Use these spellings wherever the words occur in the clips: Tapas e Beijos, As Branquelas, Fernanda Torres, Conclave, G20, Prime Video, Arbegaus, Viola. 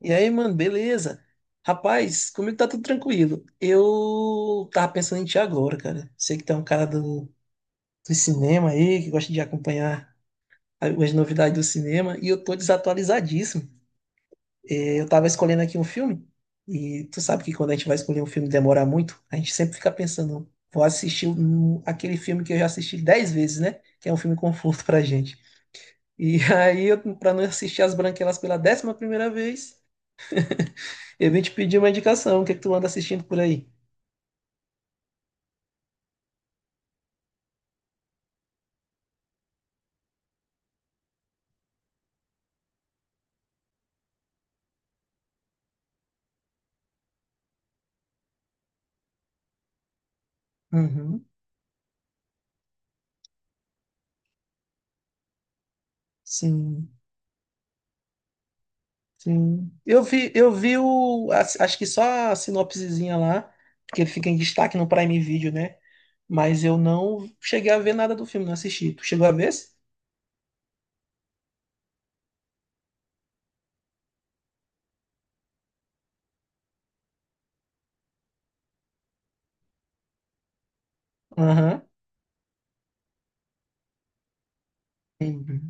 E aí, mano, beleza? Rapaz, comigo tá tudo tranquilo. Eu tava pensando em ti agora, cara. Sei que tu é um cara do cinema aí, que gosta de acompanhar as novidades do cinema, e eu tô desatualizadíssimo. Eu tava escolhendo aqui um filme, e tu sabe que quando a gente vai escolher um filme demora muito, a gente sempre fica pensando, vou aquele filme que eu já assisti dez vezes, né? Que é um filme conforto pra gente. E aí, eu, pra não assistir As Branquelas pela décima primeira vez, eu vim te pedir uma indicação. O que é que tu anda assistindo por aí? Uhum. Sim, sim. Eu vi acho que só a sinopsezinha lá, porque ele fica em destaque no Prime Video, né? Mas eu não cheguei a ver nada do filme, não assisti. Tu chegou a ver? Aham, entendi.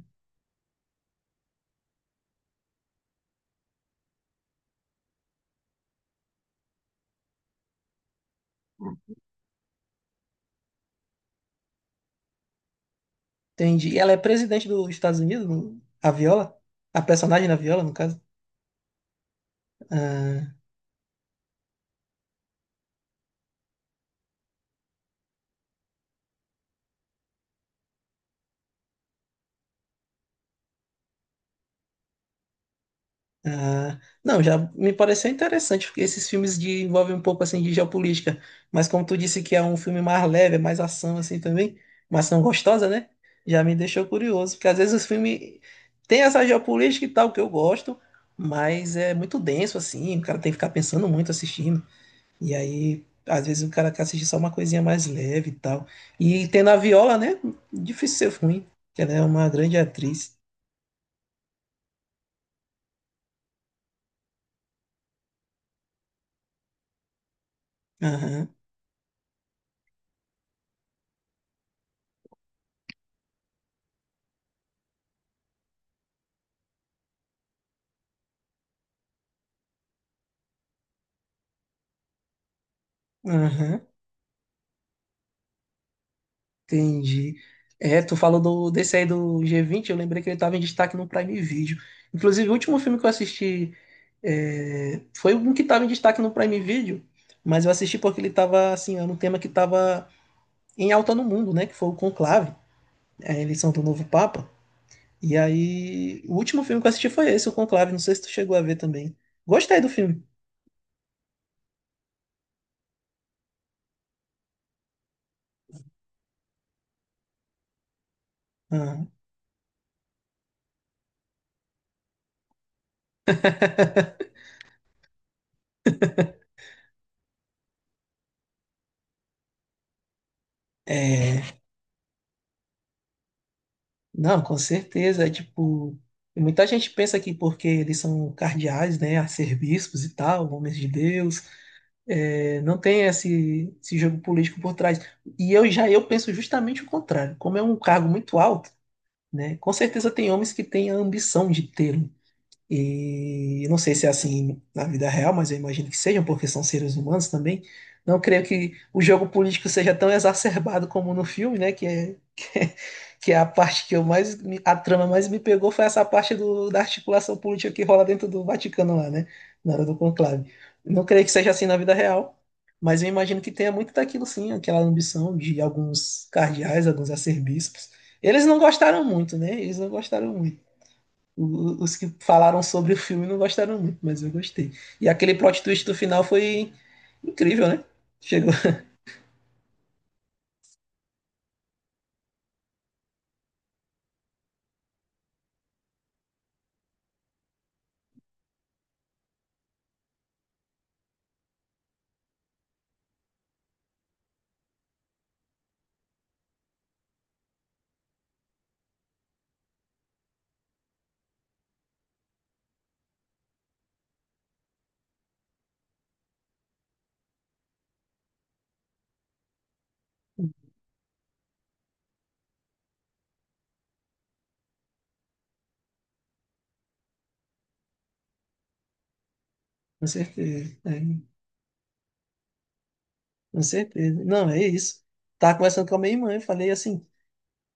Entendi. E ela é presidente dos Estados Unidos, a Viola? A personagem na Viola, no caso? Ah, ah. Não, já me pareceu interessante, porque esses filmes envolvem um pouco assim de geopolítica. Mas como tu disse que é um filme mais leve, é mais ação assim também, uma ação gostosa, né? Já me deixou curioso, porque às vezes os filmes têm essa geopolítica e tal que eu gosto, mas é muito denso assim, o cara tem que ficar pensando muito assistindo. E aí, às vezes o cara quer assistir só uma coisinha mais leve e tal. E tem na Viola, né? Difícil ser ruim. Que Ela é uma grande atriz. Aham, aham, entendi. É, tu desse aí do G20, eu lembrei que ele tava em destaque no Prime Video. Inclusive, o último filme que eu assisti foi um que tava em destaque no Prime Video, mas eu assisti porque ele tava, assim, era um tema que tava em alta no mundo, né? Que foi o Conclave, a eleição do novo Papa. E aí, o último filme que eu assisti foi esse, o Conclave. Não sei se tu chegou a ver também. Gostei do filme. Ah, é, não, com certeza. É tipo, muita gente pensa que porque eles são cardeais, né, arcebispos e tal, homens de Deus, não tem esse jogo político por trás. E eu já eu penso justamente o contrário. Como é um cargo muito alto, né, com certeza tem homens que têm a ambição de ter. E não sei se é assim na vida real, mas eu imagino que sejam, porque são seres humanos também. Não creio que o jogo político seja tão exacerbado como no filme, né? Que é a parte que eu a trama mais me pegou foi essa parte da articulação política que rola dentro do Vaticano lá, né? Na hora do conclave. Não creio que seja assim na vida real, mas eu imagino que tenha muito daquilo sim, aquela ambição de alguns cardeais, alguns arcebispos. Eles não gostaram muito, né? Eles não gostaram muito. Os que falaram sobre o filme não gostaram muito, mas eu gostei. E aquele plot twist do final foi incrível, né? Chegou, com certeza. Com certeza. Não, é isso. Tava conversando com a minha irmã e falei assim: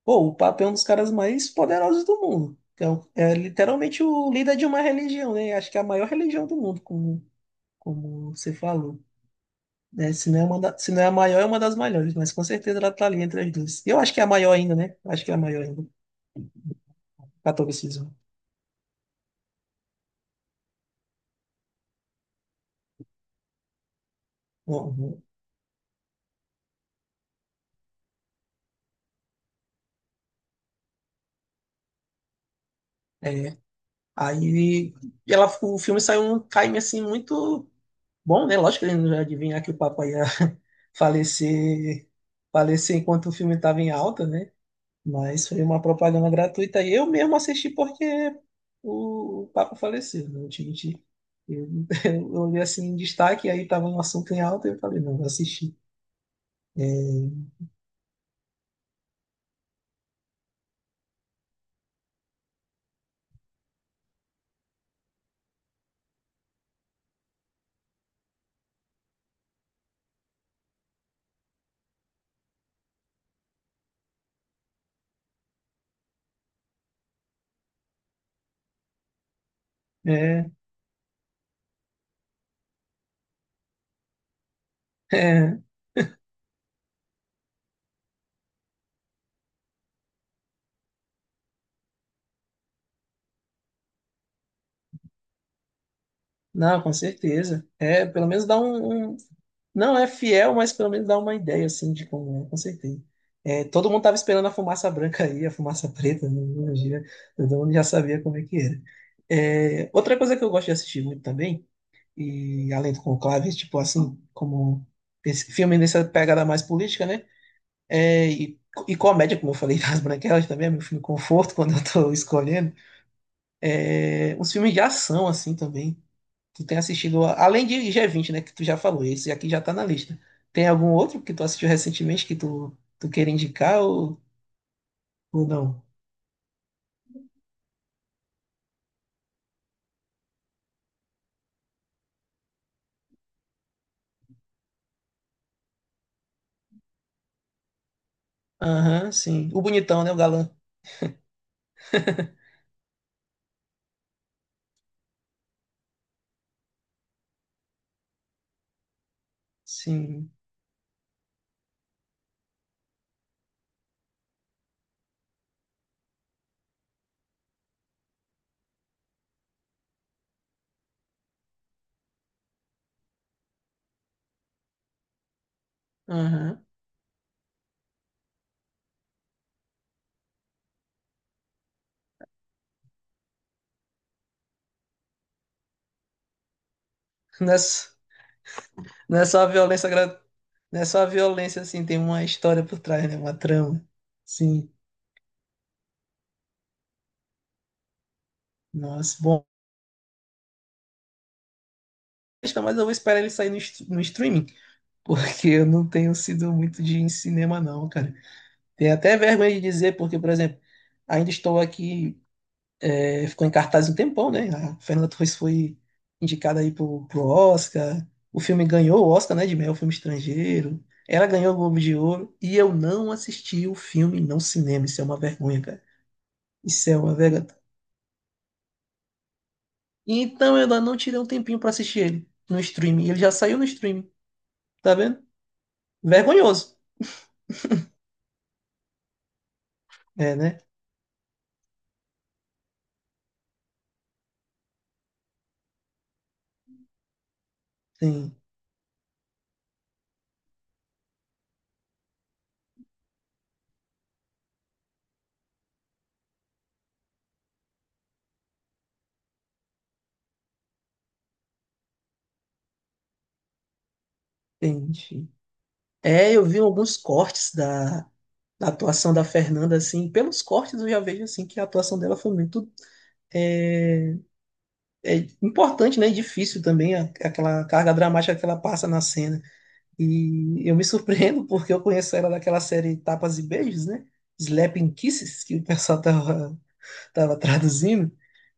pô, o Papa é um dos caras mais poderosos do mundo. Que É, é literalmente o líder de uma religião, né? Acho que é a maior religião do mundo, como, como você falou. Né? Se não é se não é a maior, é uma das maiores, mas com certeza ela tá ali entre as duas. Eu acho que é a maior ainda, né? Acho que é a maior ainda. Catolicismo. Bom, é. Aí ela, o filme saiu um time assim muito bom, né? Lógico que ele não ia adivinhar que o papai ia falecer, falecer enquanto o filme estava em alta, né? Mas foi uma propaganda gratuita e eu mesmo assisti porque o Papa faleceu, não te menti. Eu, eu olhei assim em destaque, aí estava um assunto em alta e eu falei, não, vou assistir. É, é, não, com certeza. É, pelo menos dá não, é fiel, mas pelo menos dá uma ideia, assim, de como é, com certeza. É, todo mundo tava esperando a fumaça branca aí, a fumaça preta, né? Um dia, todo mundo já sabia como é que era. É, outra coisa que eu gosto de assistir muito também, e além do Conclave, tipo assim, como esse filme nessa pegada mais política, né? É, e, e comédia, como eu falei, das Branquelas também, é meu filme conforto quando eu tô escolhendo. É, uns filmes de ação, assim, também. Tu tem assistido, além de G20, né, que tu já falou, esse aqui já tá na lista. Tem algum outro que tu assistiu recentemente que tu queira indicar ou não? Aham, sim. O bonitão, né, o galã. Sim. Aham. Não é, s- não é só a não é só a violência, assim, tem uma história por trás, né, uma trama. Sim. Nossa, bom. Mas eu vou esperar ele sair no streaming, porque eu não tenho sido muito de ir em cinema, não, cara. Tenho até vergonha de dizer, porque, por exemplo, ainda estou aqui. É, ficou em cartaz um tempão, né? A Fernanda Torres foi indicada aí pro Oscar. O filme ganhou o Oscar, né? De melhor filme estrangeiro. Ela ganhou o Globo de Ouro. E eu não assisti o filme no cinema. Isso é uma vergonha, cara. Isso é uma vergonha. Então eu ainda não tirei um tempinho pra assistir ele no streaming. Ele já saiu no streaming, tá vendo? Vergonhoso. É, né? Sim, tem. É, eu vi alguns cortes da atuação da Fernanda, assim. Pelos cortes eu já vejo, assim, que a atuação dela foi muito é, é importante, né, e difícil também aquela carga dramática que ela passa na cena. E eu me surpreendo porque eu conheço ela daquela série Tapas e Beijos, né? Slapping Kisses, que o pessoal tava traduzindo.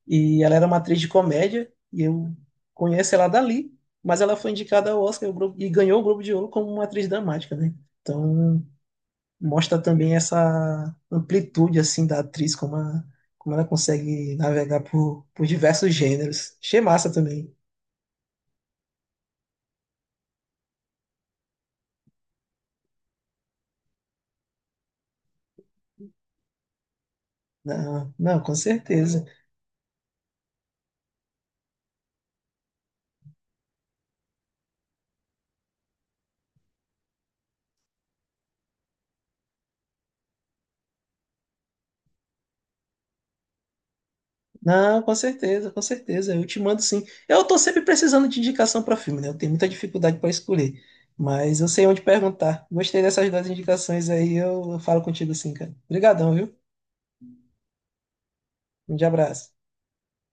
E ela era uma atriz de comédia e eu conheço ela dali, mas ela foi indicada ao Oscar e o e ganhou o Globo de Ouro como uma atriz dramática, né? Então mostra também essa amplitude assim da atriz como ela consegue navegar por diversos gêneros. Achei massa também. Não, não, com certeza. Não, com certeza, com certeza. Eu te mando sim. Eu tô sempre precisando de indicação para filme, né? Eu tenho muita dificuldade para escolher, mas eu sei onde perguntar. Gostei dessas duas indicações aí, eu falo contigo sim, cara. Obrigadão, viu? Um grande abraço.